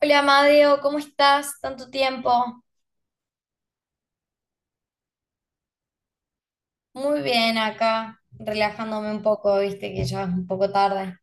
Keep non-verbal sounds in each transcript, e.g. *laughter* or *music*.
Hola Amadeo, ¿cómo estás? Tanto tiempo. Muy bien acá, relajándome un poco, viste que ya es un poco tarde.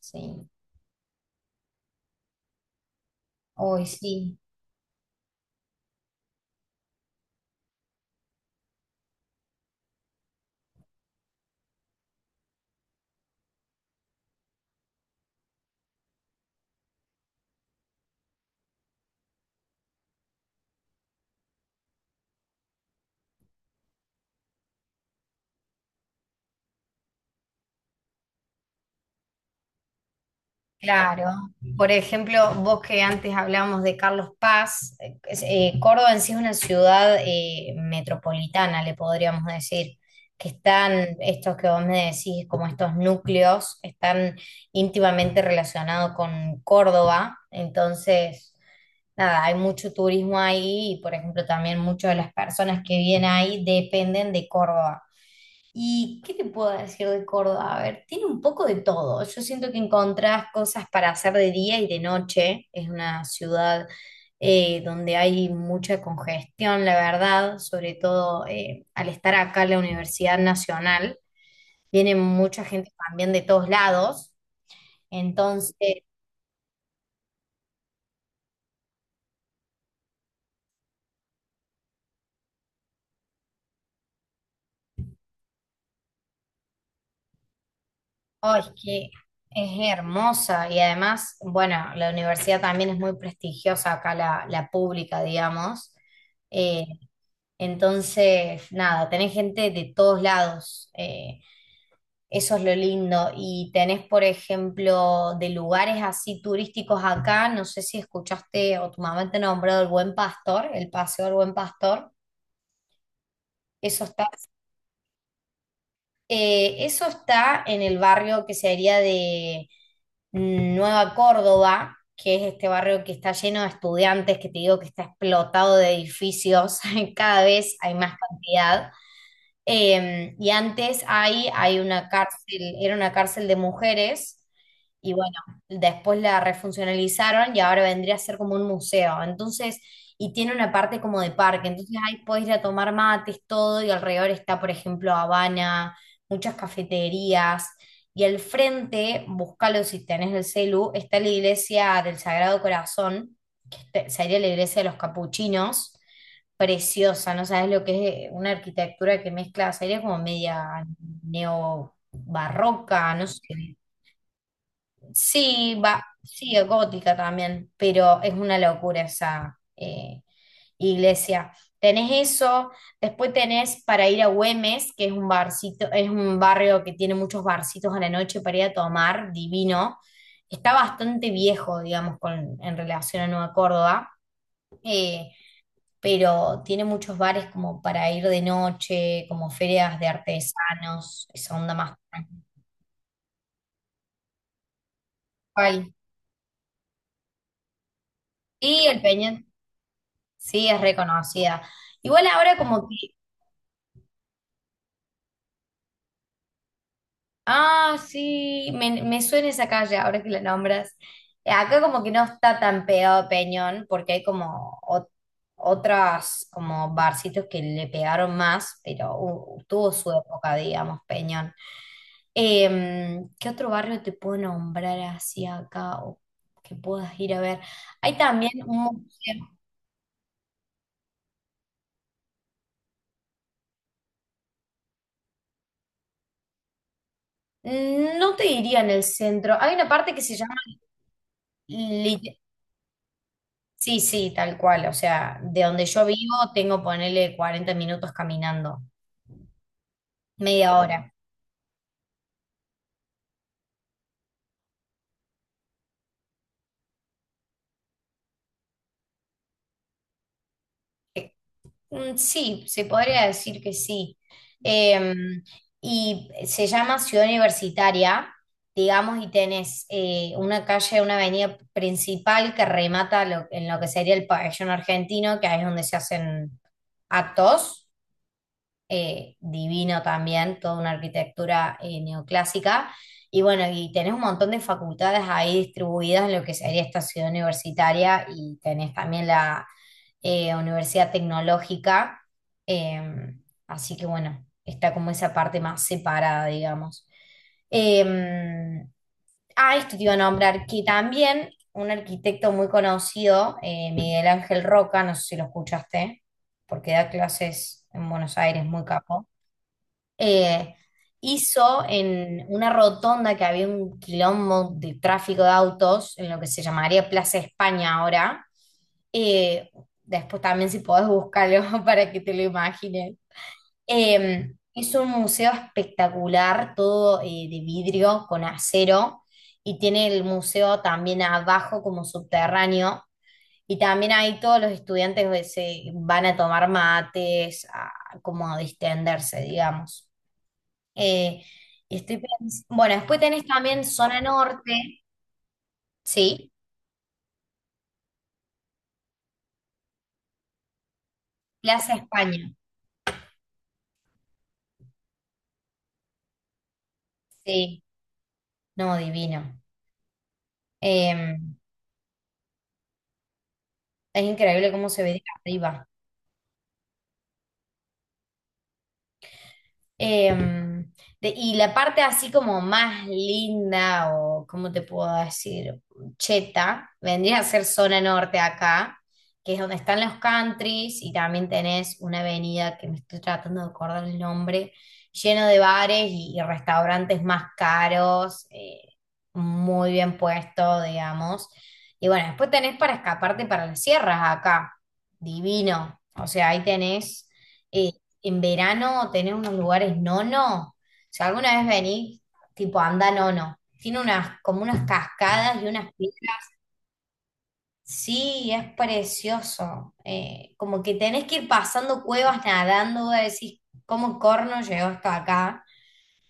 Sí, hoy sí. Claro. Por ejemplo, vos que antes hablábamos de Carlos Paz, Córdoba en sí es una ciudad metropolitana, le podríamos decir, que están, estos que vos me decís, como estos núcleos, están íntimamente relacionados con Córdoba. Entonces, nada, hay mucho turismo ahí y, por ejemplo, también muchas de las personas que vienen ahí dependen de Córdoba. ¿Y qué te puedo decir de Córdoba? A ver, tiene un poco de todo. Yo siento que encontrás cosas para hacer de día y de noche. Es una ciudad donde hay mucha congestión, la verdad, sobre todo al estar acá en la Universidad Nacional. Viene mucha gente también de todos lados. Entonces, oh, es que es hermosa y además, bueno, la universidad también es muy prestigiosa acá, la pública, digamos. Eh, Entonces, nada, tenés gente de todos lados. Eso es lo lindo. Y tenés, por ejemplo, de lugares así turísticos acá, no sé si escuchaste o tu mamá te nombrado el Buen Pastor, el Paseo del Buen Pastor. Eso está, Eso está en el barrio que sería de Nueva Córdoba, que es este barrio que está lleno de estudiantes, que te digo que está explotado de edificios, *laughs* cada vez hay más cantidad. Y antes ahí hay una cárcel, era una cárcel de mujeres, y bueno, después la refuncionalizaron y ahora vendría a ser como un museo. Entonces, y tiene una parte como de parque, entonces ahí podés ir a tomar mates, todo, y alrededor está, por ejemplo, Habana, muchas cafeterías, y al frente, búscalo si tenés el celu, está la iglesia del Sagrado Corazón, sería la iglesia de los capuchinos preciosa, no sabes lo que es una arquitectura que mezcla, sería como media neobarroca, no sé. Sí, va, sí, gótica también, pero es una locura esa iglesia. Tenés eso, después tenés para ir a Güemes, que es un barcito, es un barrio que tiene muchos barcitos a la noche para ir a tomar, divino. Está bastante viejo, digamos, con, en relación a Nueva Córdoba. Eh, pero tiene muchos bares como para ir de noche, como ferias de artesanos, esa onda más tranquila. Sí, el Peñón, sí, es reconocida. Igual ahora como que Ah, sí, me suena esa calle ahora que la nombras. Acá como que no está tan pegado a Peñón porque hay como otras como barcitos que le pegaron más, pero tuvo su época, digamos, Peñón. ¿Qué otro barrio te puedo nombrar así acá o que puedas ir a ver? Hay también un museo. No te diría en el centro. Hay una parte que se llama Sí, sí, tal cual. O sea, de donde yo vivo tengo ponerle 40 minutos caminando, media Claro. hora. Eh, Sí, se podría decir que sí. Eh, y se llama Ciudad Universitaria, digamos, y tenés una calle, una avenida principal que remata en lo que sería el pabellón argentino, que ahí es donde se hacen actos. Divino también, toda una arquitectura neoclásica. Y bueno, y tenés un montón de facultades ahí distribuidas en lo que sería esta ciudad universitaria y tenés también la Universidad Tecnológica. eh, Así que bueno, está como esa parte más separada, digamos. Eh, Esto te iba a nombrar, que también un arquitecto muy conocido, Miguel Ángel Roca, no sé si lo escuchaste porque da clases en Buenos Aires, muy capo, eh, hizo en una rotonda que había un quilombo de tráfico de autos, en lo que se llamaría Plaza España ahora. eh, Después también si podés buscarlo *laughs* para que te lo imagines. Es un museo espectacular, todo de vidrio con acero, y tiene el museo también abajo como subterráneo, y también ahí todos los estudiantes se van a tomar mates, a, como a distenderse, digamos. Eh, y bueno, después tenés también zona norte, ¿sí? Plaza España, sí, no, divino. Eh, es increíble cómo se ve de arriba. Em, y la parte así como más linda o, ¿cómo te puedo decir? Cheta, vendría a ser zona norte acá, que es donde están los countries y también tenés una avenida que me estoy tratando de acordar el nombre, lleno de bares y restaurantes más caros, muy bien puesto, digamos. Y bueno, después tenés para escaparte para las sierras acá, divino. O sea, ahí tenés... eh, en verano tener unos lugares nono. O sea alguna vez venís, tipo anda nono. Tiene unas, como unas cascadas y unas piedras. Sí, es precioso. Como que tenés que ir pasando cuevas nadando, vos decís, ¿cómo corno llegó hasta acá?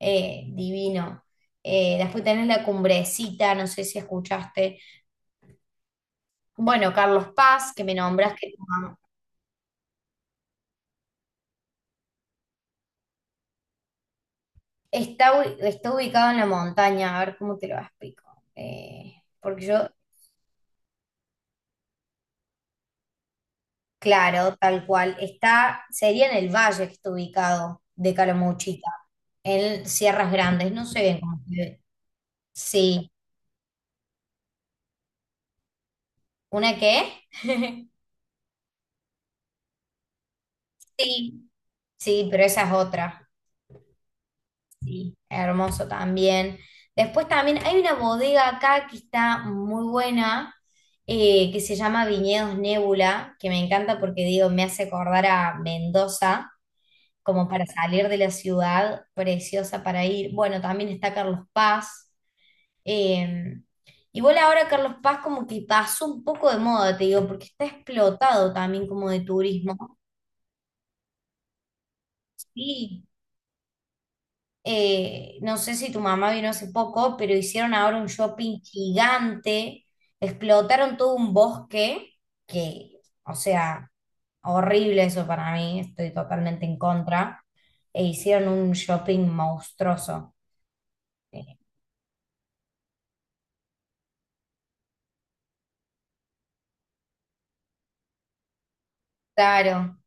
Divino. Después tenés la cumbrecita, no sé si escuchaste. Bueno, Carlos Paz, que me nombras que tu mamá- Está, está ubicado en la montaña, a ver cómo te lo explico. Eh, Porque yo Claro, tal cual. Está, sería en el valle que está ubicado de Calamuchita, en Sierras Grandes, no sé bien cómo se ve. Sí. ¿Una qué? *laughs* Sí, sí, pero esa es otra. Sí, hermoso también. Después también hay una bodega acá que está muy buena, que se llama Viñedos Nébula, que me encanta porque digo, me hace acordar a Mendoza. Como para salir de la ciudad, preciosa para ir. Bueno, también está Carlos Paz. eh, Igual ahora Carlos Paz como que pasó un poco de moda, te digo, porque está explotado también como de turismo. Sí, no sé si tu mamá vino hace poco, pero hicieron ahora un shopping gigante, explotaron todo un bosque, que, o sea, horrible eso para mí, estoy totalmente en contra, e hicieron un shopping monstruoso. Eh, Claro,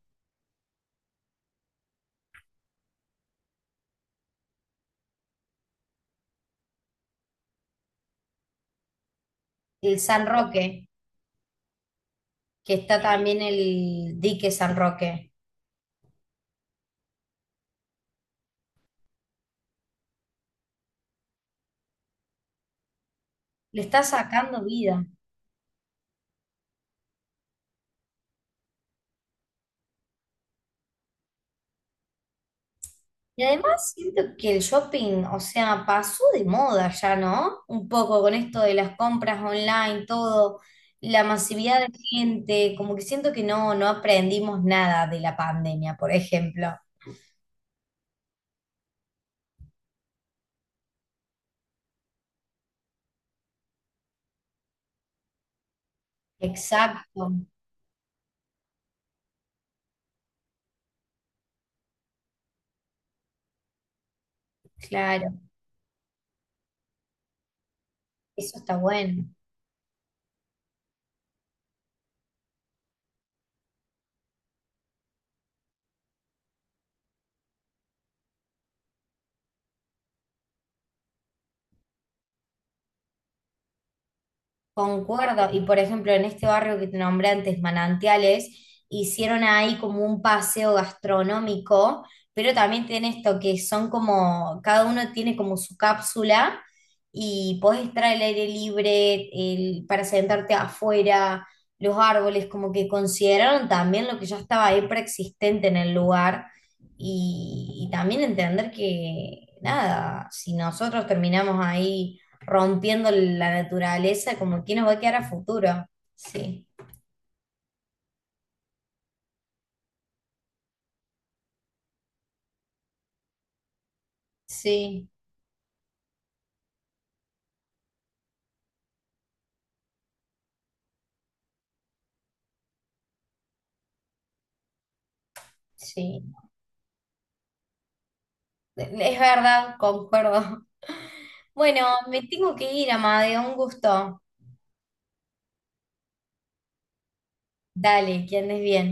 el San Roque, que está también el dique San Roque, le está sacando vida. Y además siento que el shopping, o sea, pasó de moda ya, ¿no? Un poco con esto de las compras online, todo, la masividad de gente, como que siento que no, no aprendimos nada de la pandemia, por ejemplo. Exacto, claro, eso está bueno. Concuerdo, y por ejemplo, en este barrio que te nombré antes, Manantiales, hicieron ahí como un paseo gastronómico, pero también tiene esto que son como, cada uno tiene como su cápsula y podés estar al aire libre, para sentarte afuera, los árboles, como que consideraron también lo que ya estaba ahí preexistente en el lugar y también entender que, nada, si nosotros terminamos ahí rompiendo la naturaleza, como que nos va a quedar a futuro. Sí, sí, sí. Es verdad, concuerdo. *laughs* Bueno, me tengo que ir, Amadeo, un gusto. Dale, que andes bien.